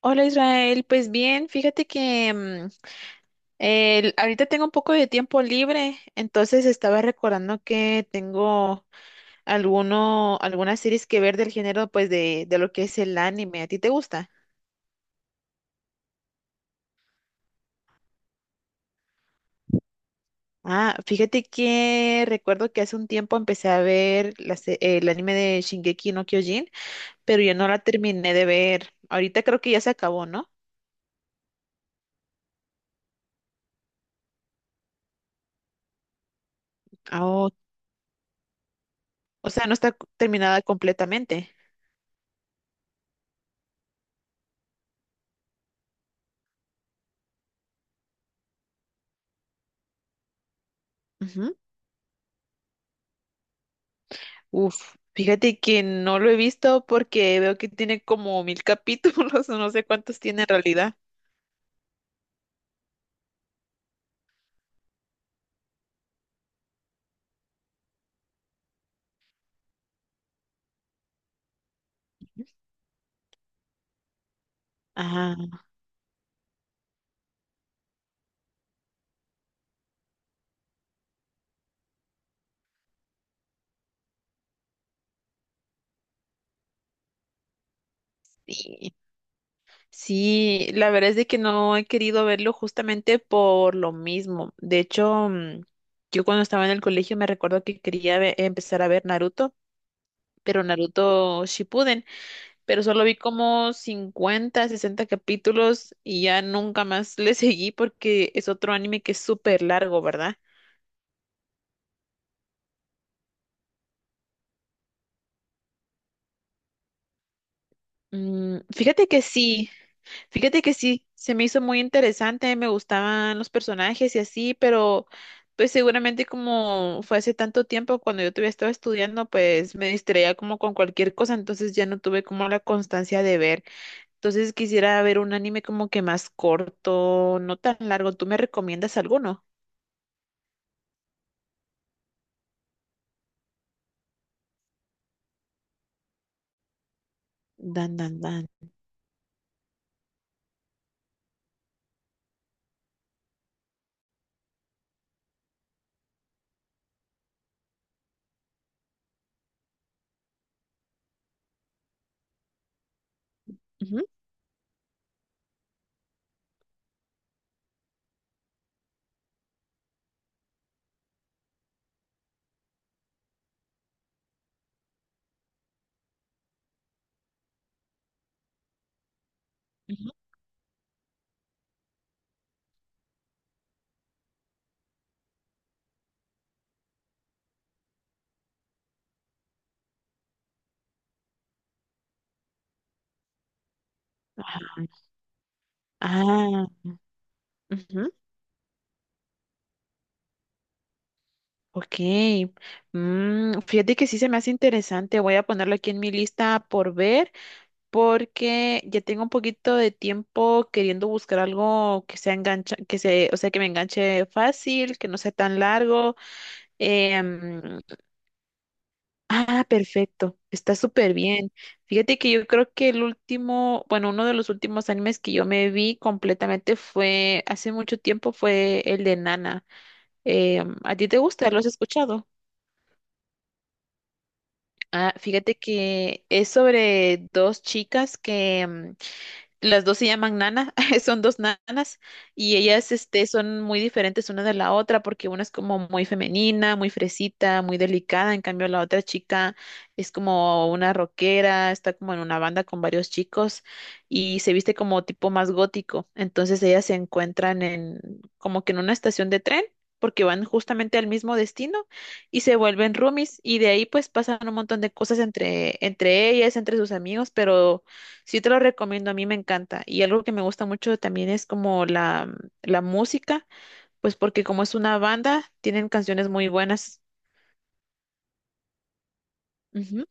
Hola Israel, pues bien, fíjate que ahorita tengo un poco de tiempo libre, entonces estaba recordando que tengo algunas series que ver del género pues de lo que es el anime. ¿A ti te gusta? Ah, fíjate que recuerdo que hace un tiempo empecé a ver el anime de Shingeki no Kyojin, pero yo no la terminé de ver. Ahorita creo que ya se acabó, ¿no? Ah, o sea, no está terminada completamente. Uf, fíjate que no lo he visto porque veo que tiene como 1000 capítulos, o no sé cuántos tiene en realidad. Ah, sí. Sí, la verdad es de que no he querido verlo justamente por lo mismo. De hecho, yo cuando estaba en el colegio me recuerdo que quería empezar a ver Naruto, pero Naruto Shippuden, pero solo vi como 50 60 capítulos y ya nunca más le seguí porque es otro anime que es súper largo, ¿verdad? Mm, fíjate que sí, Fíjate que sí, se me hizo muy interesante, me gustaban los personajes y así, pero pues seguramente como fue hace tanto tiempo cuando yo todavía estaba estudiando, pues me distraía como con cualquier cosa, entonces ya no tuve como la constancia de ver. Entonces quisiera ver un anime como que más corto, no tan largo. ¿Tú me recomiendas alguno? Dan, dan, dan. Ujú, ujú. Ajá. Ah, ujú. Ok. Fíjate que sí se me hace interesante. Voy a ponerlo aquí en mi lista por ver. Porque ya tengo un poquito de tiempo queriendo buscar algo que sea engancha, o sea, que me enganche fácil, que no sea tan largo. Em, ah, perfecto, está súper bien. Fíjate que yo creo que el último, bueno, uno de los últimos animes que yo me vi completamente fue, hace mucho tiempo fue el de Nana. ¿A ti te gusta? ¿Lo has escuchado? Ah, fíjate que es sobre dos chicas que las dos se llaman Nana, son dos nanas y ellas son muy diferentes una de la otra porque una es como muy femenina, muy fresita, muy delicada, en cambio la otra chica es como una rockera, está como en una banda con varios chicos y se viste como tipo más gótico. Entonces ellas se encuentran en como que en una estación de tren porque van justamente al mismo destino y se vuelven roomies y de ahí pues pasan un montón de cosas entre ellas, entre sus amigos, pero sí te lo recomiendo, a mí me encanta. Y algo que me gusta mucho también es como la música, pues porque como es una banda, tienen canciones muy buenas. Ujú.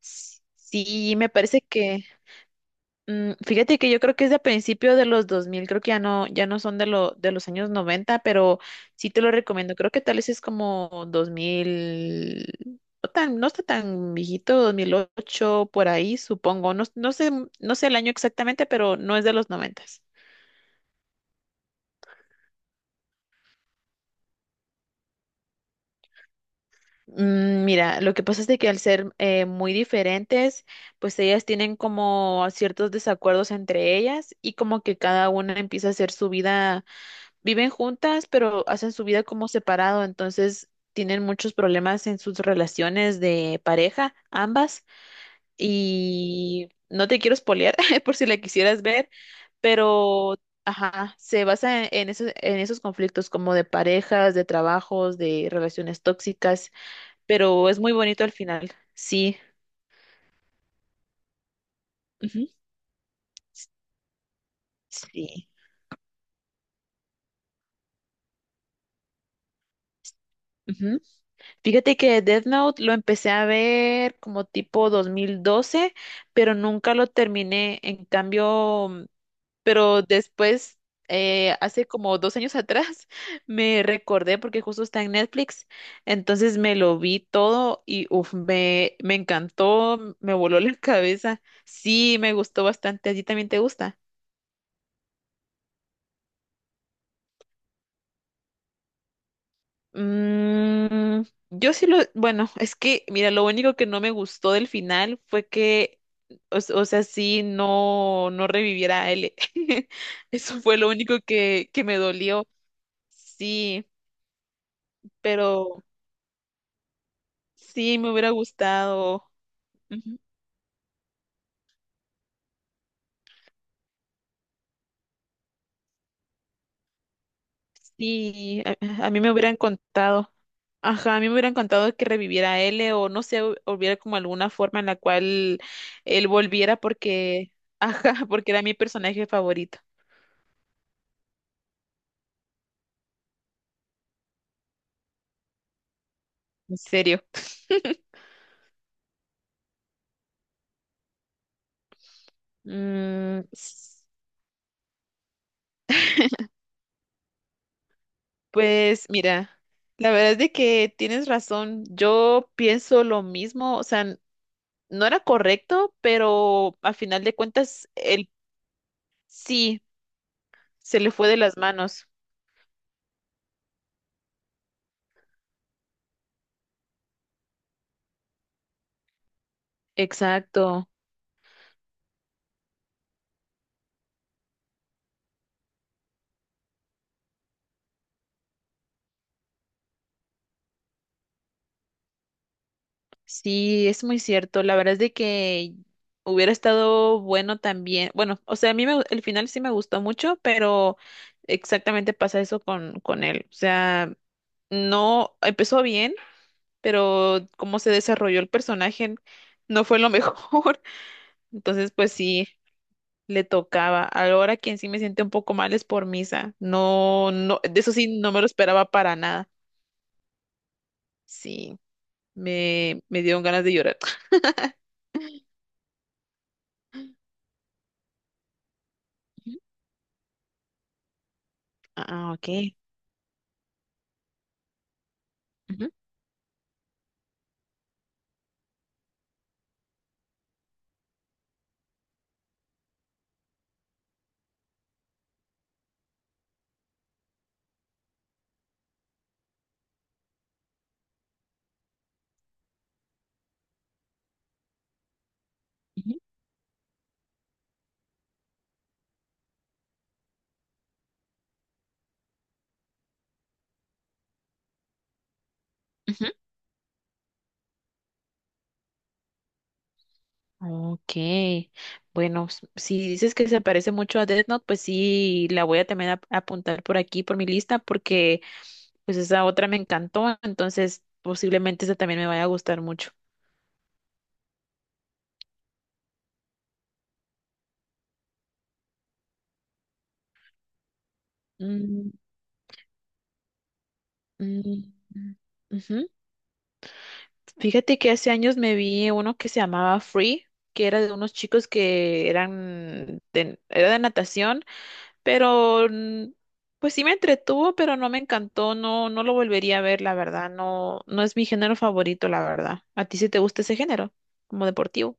Sí, me parece que, fíjate que yo creo que es de principio de los 2000 creo que ya no son de los años 90, pero sí te lo recomiendo. Creo que tal vez es como 2000, no está tan viejito, 2008 por ahí, supongo. No, no sé el año exactamente, pero no es de los 90. Mira, lo que pasa es de que al ser muy diferentes, pues ellas tienen como ciertos desacuerdos entre ellas y como que cada una empieza a hacer su vida, viven juntas, pero hacen su vida como separado, entonces tienen muchos problemas en sus relaciones de pareja, ambas, y no te quiero spoilear por si la quisieras ver, pero ajá, se basa en esos conflictos como de parejas, de trabajos, de relaciones tóxicas, pero es muy bonito al final. Sí. Ujú. Sí. Ujú. Fíjate que Death Note lo empecé a ver como tipo 2012, pero nunca lo terminé. En cambio, pero después, hace como 2 años atrás, me recordé porque justo está en Netflix. Entonces me lo vi todo y uf, me encantó, me voló la cabeza. Sí, me gustó bastante. ¿A ti también te gusta? Mm, yo sí bueno, es que, mira, lo único que no me gustó del final fue que, o sea, sí, no, no reviviera a L. Eso fue lo único que me dolió. Sí, pero sí, me hubiera gustado. Ujú. Sí, a mí me hubieran contado. Ajá, a mí me hubieran contado que reviviera a L o no sé, hubiera como alguna forma en la cual él volviera porque, ajá, porque era mi personaje favorito. En serio. Mm, s- pues mira, la verdad es de que tienes razón. Yo pienso lo mismo, o sea, no era correcto, pero a final de cuentas, él sí se le fue de las manos. Exacto. Sí, es muy cierto. La verdad es de que hubiera estado bueno también. Bueno, o sea, a mí el final sí me gustó mucho, pero exactamente pasa eso con él. O sea, no empezó bien, pero cómo se desarrolló el personaje no fue lo mejor. Entonces, pues sí, le tocaba. Ahora quien sí me siente un poco mal es por Misa. No, no, de eso sí, no me lo esperaba para nada. Sí, me dieron ganas de llorar. Ah, ok. Ujú, ujú, ujú. Ok, bueno, si dices que se parece mucho a Death Note, pues sí, la voy a también apuntar por aquí, por mi lista, porque pues esa otra me encantó, entonces posiblemente esa también me vaya a gustar mucho. Mm, mm, mm, ujú. Fíjate que hace años me vi uno que se llamaba Free, que era de unos chicos que eran era de natación. Pero pues sí me entretuvo, pero no me encantó, no, no lo volvería a ver, la verdad, no, no es mi género favorito, la verdad. ¿A ti sí te gusta ese género, como deportivo?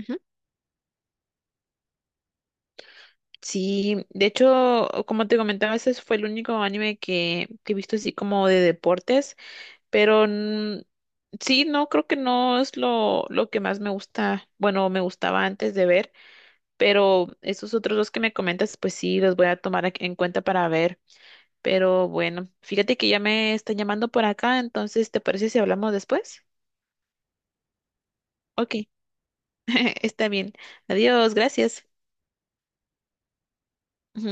Ujú. Sí, de hecho, como te comentaba, ese fue el único anime que he visto así como de deportes. Pero sí, no, creo que no es lo que más me gusta, bueno, me gustaba antes de ver, pero esos otros dos que me comentas, pues sí, los voy a tomar en cuenta para ver. Pero bueno, fíjate que ya me están llamando por acá, entonces, ¿te parece si hablamos después? Ok, está bien. Adiós, gracias. Ujú.